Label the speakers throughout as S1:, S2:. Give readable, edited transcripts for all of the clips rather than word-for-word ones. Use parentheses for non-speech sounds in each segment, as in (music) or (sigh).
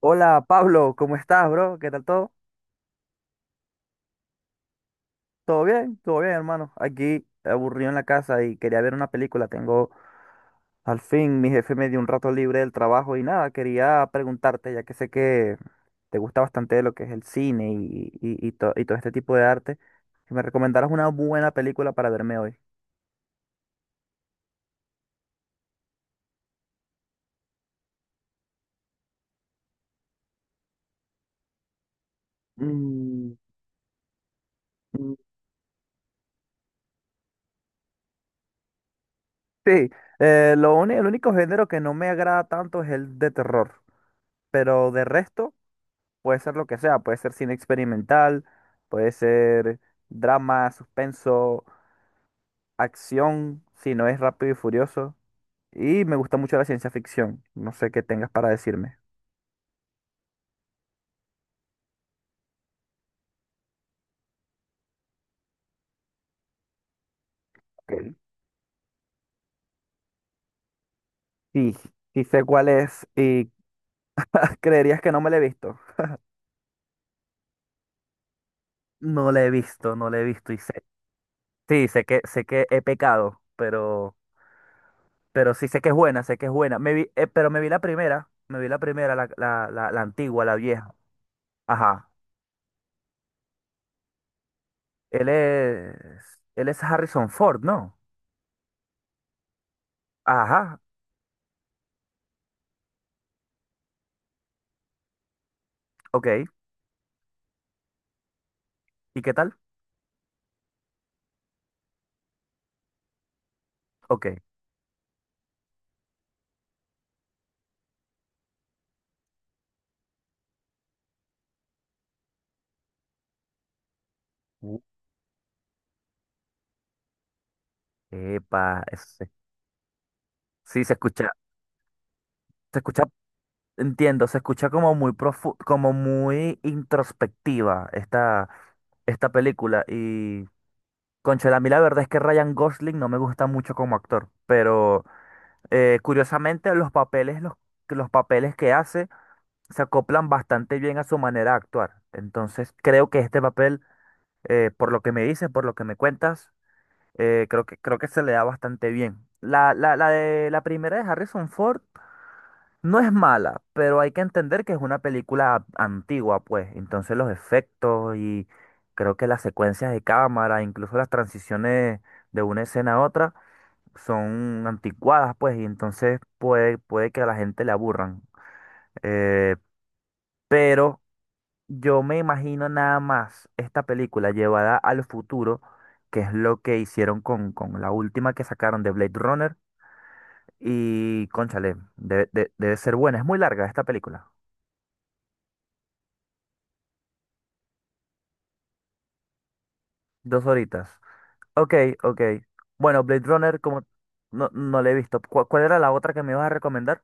S1: Hola Pablo, ¿cómo estás, bro? ¿Qué tal todo? ¿Todo bien? ¿Todo bien, hermano? Aquí aburrido en la casa y quería ver una película. Tengo, al fin, mi jefe me dio un rato libre del trabajo y nada, quería preguntarte, ya que sé que te gusta bastante lo que es el cine y todo este tipo de arte, que me recomendaras una buena película para verme hoy. Mm, mm, Sí, el único género que no me agrada tanto es el de terror, pero de resto. Puede ser lo que sea, puede ser cine experimental, puede ser drama, suspenso, acción, si no es rápido y furioso. Y me gusta mucho la ciencia ficción. No sé qué tengas para decirme. Ok. Sí, sí sé cuál es, y (laughs) creerías que no me la he visto. No la he visto, no la he visto y sé. Sí, sé que he pecado, pero sí sé que es buena, sé que es buena. Me vi, pero me vi la primera, me vi la primera, la antigua, la vieja. Ajá. Él es, él es Harrison Ford, ¿no? Ajá, ok. ¿Y qué tal? Ok. Uh, epa, sí, se escucha, entiendo, se escucha como como muy introspectiva esta, esta película. Y, conchale, a mí la verdad es que Ryan Gosling no me gusta mucho como actor, pero curiosamente los papeles, los papeles que hace se acoplan bastante bien a su manera de actuar. Entonces creo que este papel, por lo que me dices, por lo que me cuentas, creo que se le da bastante bien. La de la primera de Harrison Ford no es mala, pero hay que entender que es una película antigua, pues. Entonces los efectos y creo que las secuencias de cámara, incluso las transiciones de una escena a otra, son anticuadas, pues, y entonces puede que a la gente le aburran. Eh, pero yo me imagino nada más esta película llevada al futuro, que es lo que hicieron con la última que sacaron de Blade Runner. Y cónchale, debe ser buena. Es muy larga esta película. Dos horitas. Ok, ok. Bueno, Blade Runner, como no, no la he visto. ¿Cuál, cuál era la otra que me ibas a recomendar?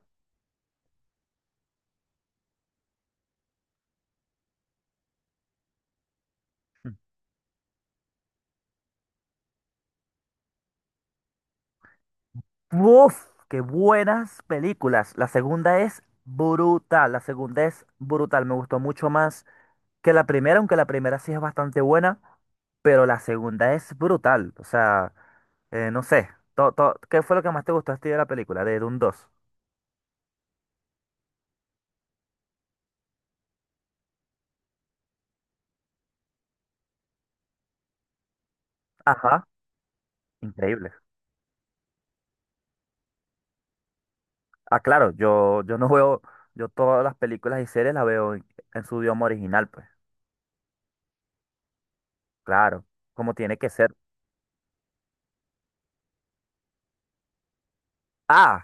S1: Mm. ¡Uf! ¡Qué buenas películas! La segunda es brutal. La segunda es brutal. Me gustó mucho más que la primera, aunque la primera sí es bastante buena, pero la segunda es brutal. O sea, no sé, ¿qué fue lo que más te gustó a ti de la película, de Dune dos? Ajá, increíble. Ah, claro, yo no veo, yo todas las películas y series las veo en su idioma original, pues, claro, como tiene que ser. Ah,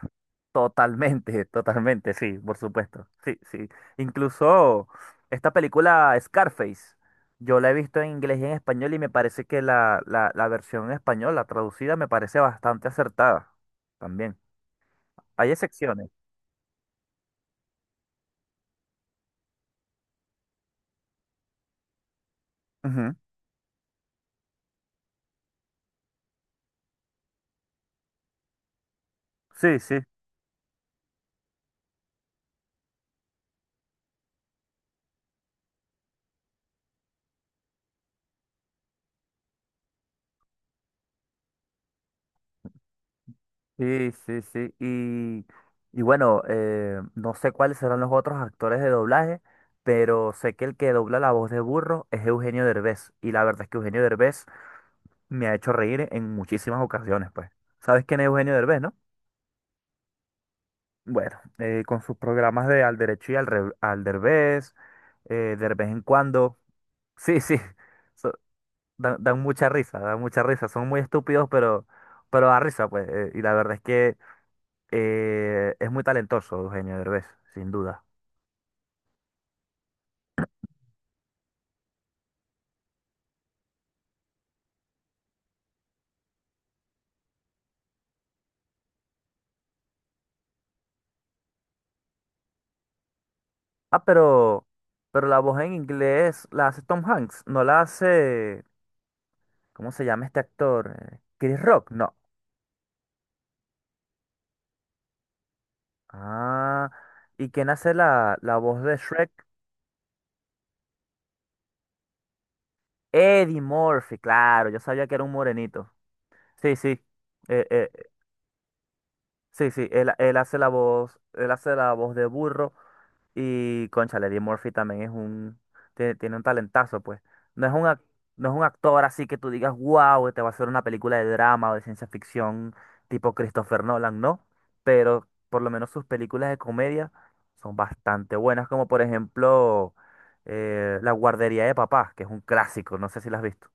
S1: totalmente, totalmente, sí, por supuesto. Sí, sí. Incluso esta película Scarface, yo la he visto en inglés y en español y me parece que la versión en español, la traducida, me parece bastante acertada también. Hay excepciones. Ujú. Sí, sí, sí, sí, sí. Y bueno, no sé cuáles serán los otros actores de doblaje, pero sé que el que dobla la voz de Burro es Eugenio Derbez. Y la verdad es que Eugenio Derbez me ha hecho reír en muchísimas ocasiones, pues. ¿Sabes quién es Eugenio Derbez, no? Bueno, con sus programas de Al Derecho y Al Derbez, Derbez en cuando. (laughs) Sí, sí, so- dan, dan mucha risa, dan mucha risa. Son muy estúpidos, pero da risa, pues. Y la verdad es que es muy talentoso Eugenio Derbez, sin duda. Ah, pero la voz en inglés la hace Tom Hanks, no la hace, ¿cómo se llama este actor? Chris Rock, no. Ah, ¿y quién hace la voz de Shrek? Eddie Murphy, claro, yo sabía que era un morenito. Sí, sí, eh, eh, sí, sí, él hace la voz, él hace la voz de burro. Y cónchale, Eddie Murphy también es un, tiene un talentazo, pues. No es un, no es un actor así que tú digas, wow, te va a hacer una película de drama o de ciencia ficción tipo Christopher Nolan, no. Pero por lo menos sus películas de comedia son bastante buenas, como por ejemplo La guardería de papá, que es un clásico, no sé si la has visto.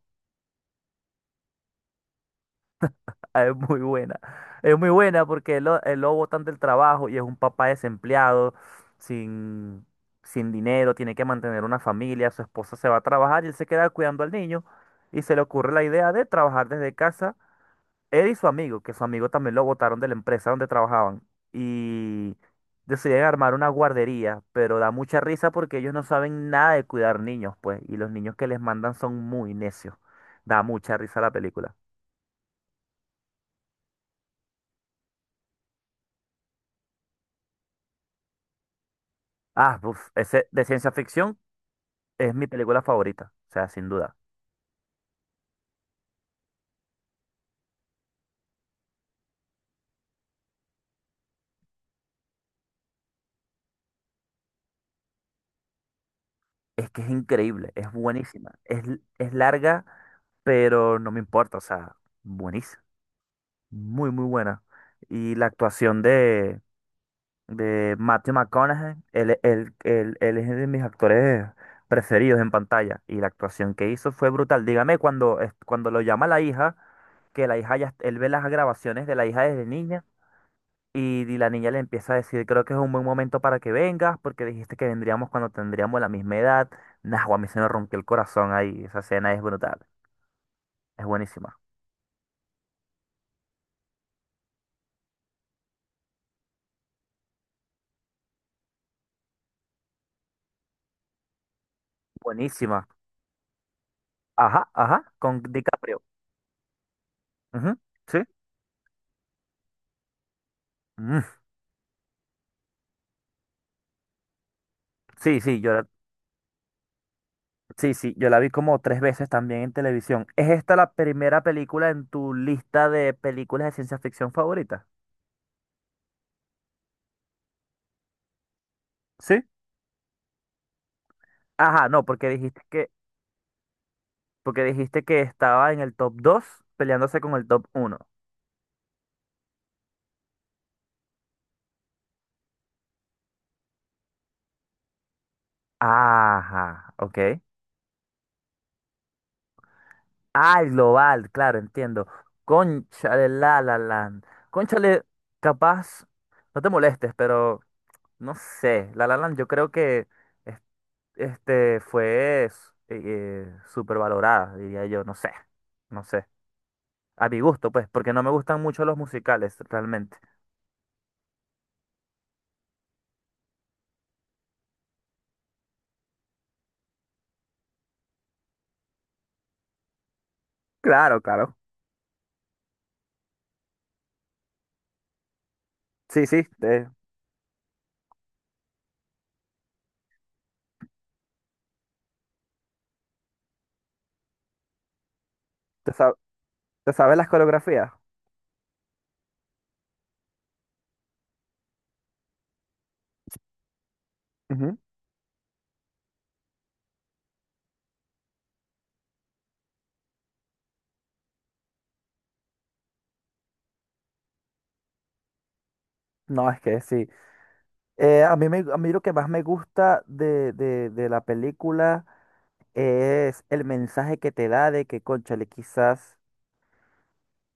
S1: Ah, es muy buena. Es muy buena porque el lobo botan del trabajo y es un papá desempleado, sin, sin dinero, tiene que mantener una familia, su esposa se va a trabajar y él se queda cuidando al niño y se le ocurre la idea de trabajar desde casa, él y su amigo, que su amigo también lo botaron de la empresa donde trabajaban y deciden armar una guardería, pero da mucha risa porque ellos no saben nada de cuidar niños, pues, y los niños que les mandan son muy necios. Da mucha risa la película. Ah, uf, ese de ciencia ficción es mi película favorita, o sea, sin duda. Es que es increíble, es buenísima. Es, es larga, pero no me importa, o sea, buenísima. Muy, muy buena. Y la actuación de Matthew McConaughey, él es de mis actores preferidos en pantalla. Y la actuación que hizo fue brutal. Dígame, cuando, cuando lo llama la hija, que la hija ya, él ve las grabaciones de la hija desde niña. Y la niña le empieza a decir, creo que es un buen momento para que vengas, porque dijiste que vendríamos cuando tendríamos la misma edad. Nah, guau, a mí se me rompió el corazón ahí. Esa escena es brutal. Es buenísima. Buenísima. Ajá, ajá, con DiCaprio. Ujú. Sí. Mm. Sí, sí, yo la, sí, sí, yo la vi como tres veces también en televisión. ¿Es esta la primera película en tu lista de películas de ciencia ficción favorita? Sí. Ajá, no, porque dijiste que estaba en el top 2 peleándose con el top uno. Ajá, ok. Ah, el global, claro, entiendo. Cónchale, la, land. Cónchale, capaz, no te molestes, pero no sé. La, land, yo creo que es- este fue, eh, súper valorada, diría yo, no sé, no sé. A mi gusto, pues, porque no me gustan mucho los musicales, realmente. Claro, claro. Sí, sí, te te sabes las coreografías. Ujú. No, es que sí. A mí a mí lo que más me gusta de la película es el mensaje que te da de que, cónchale, quizás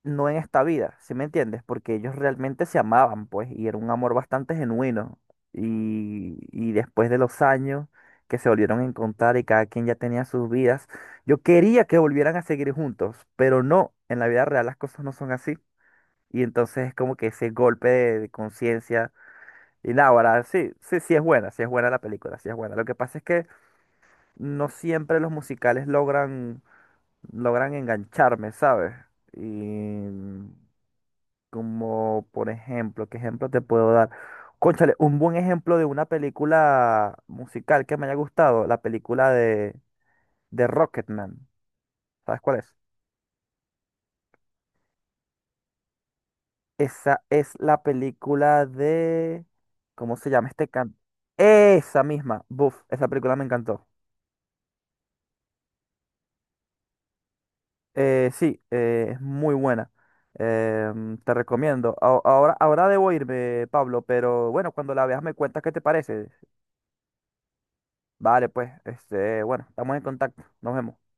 S1: no en esta vida, ¿sí me entiendes? Porque ellos realmente se amaban, pues, y era un amor bastante genuino. Y después de los años que se volvieron a encontrar y cada quien ya tenía sus vidas, yo quería que volvieran a seguir juntos, pero no, en la vida real las cosas no son así. Y entonces es como que ese golpe de conciencia. Y náguara, sí, sí, sí es buena la película, sí es buena. Lo que pasa es que no siempre los musicales logran, logran engancharme, ¿sabes? Y como, por ejemplo, ¿qué ejemplo te puedo dar? Cónchale, un buen ejemplo de una película musical que me haya gustado, la película de Rocketman. ¿Sabes cuál es? Esa es la película de... ¿Cómo se llama este canto? Esa misma, buf, esa película me encantó. Sí, es muy buena. Te recomiendo. Ahora, ahora debo irme, Pablo, pero bueno, cuando la veas me cuentas qué te parece. Vale, pues, este, bueno, estamos en contacto. Nos vemos.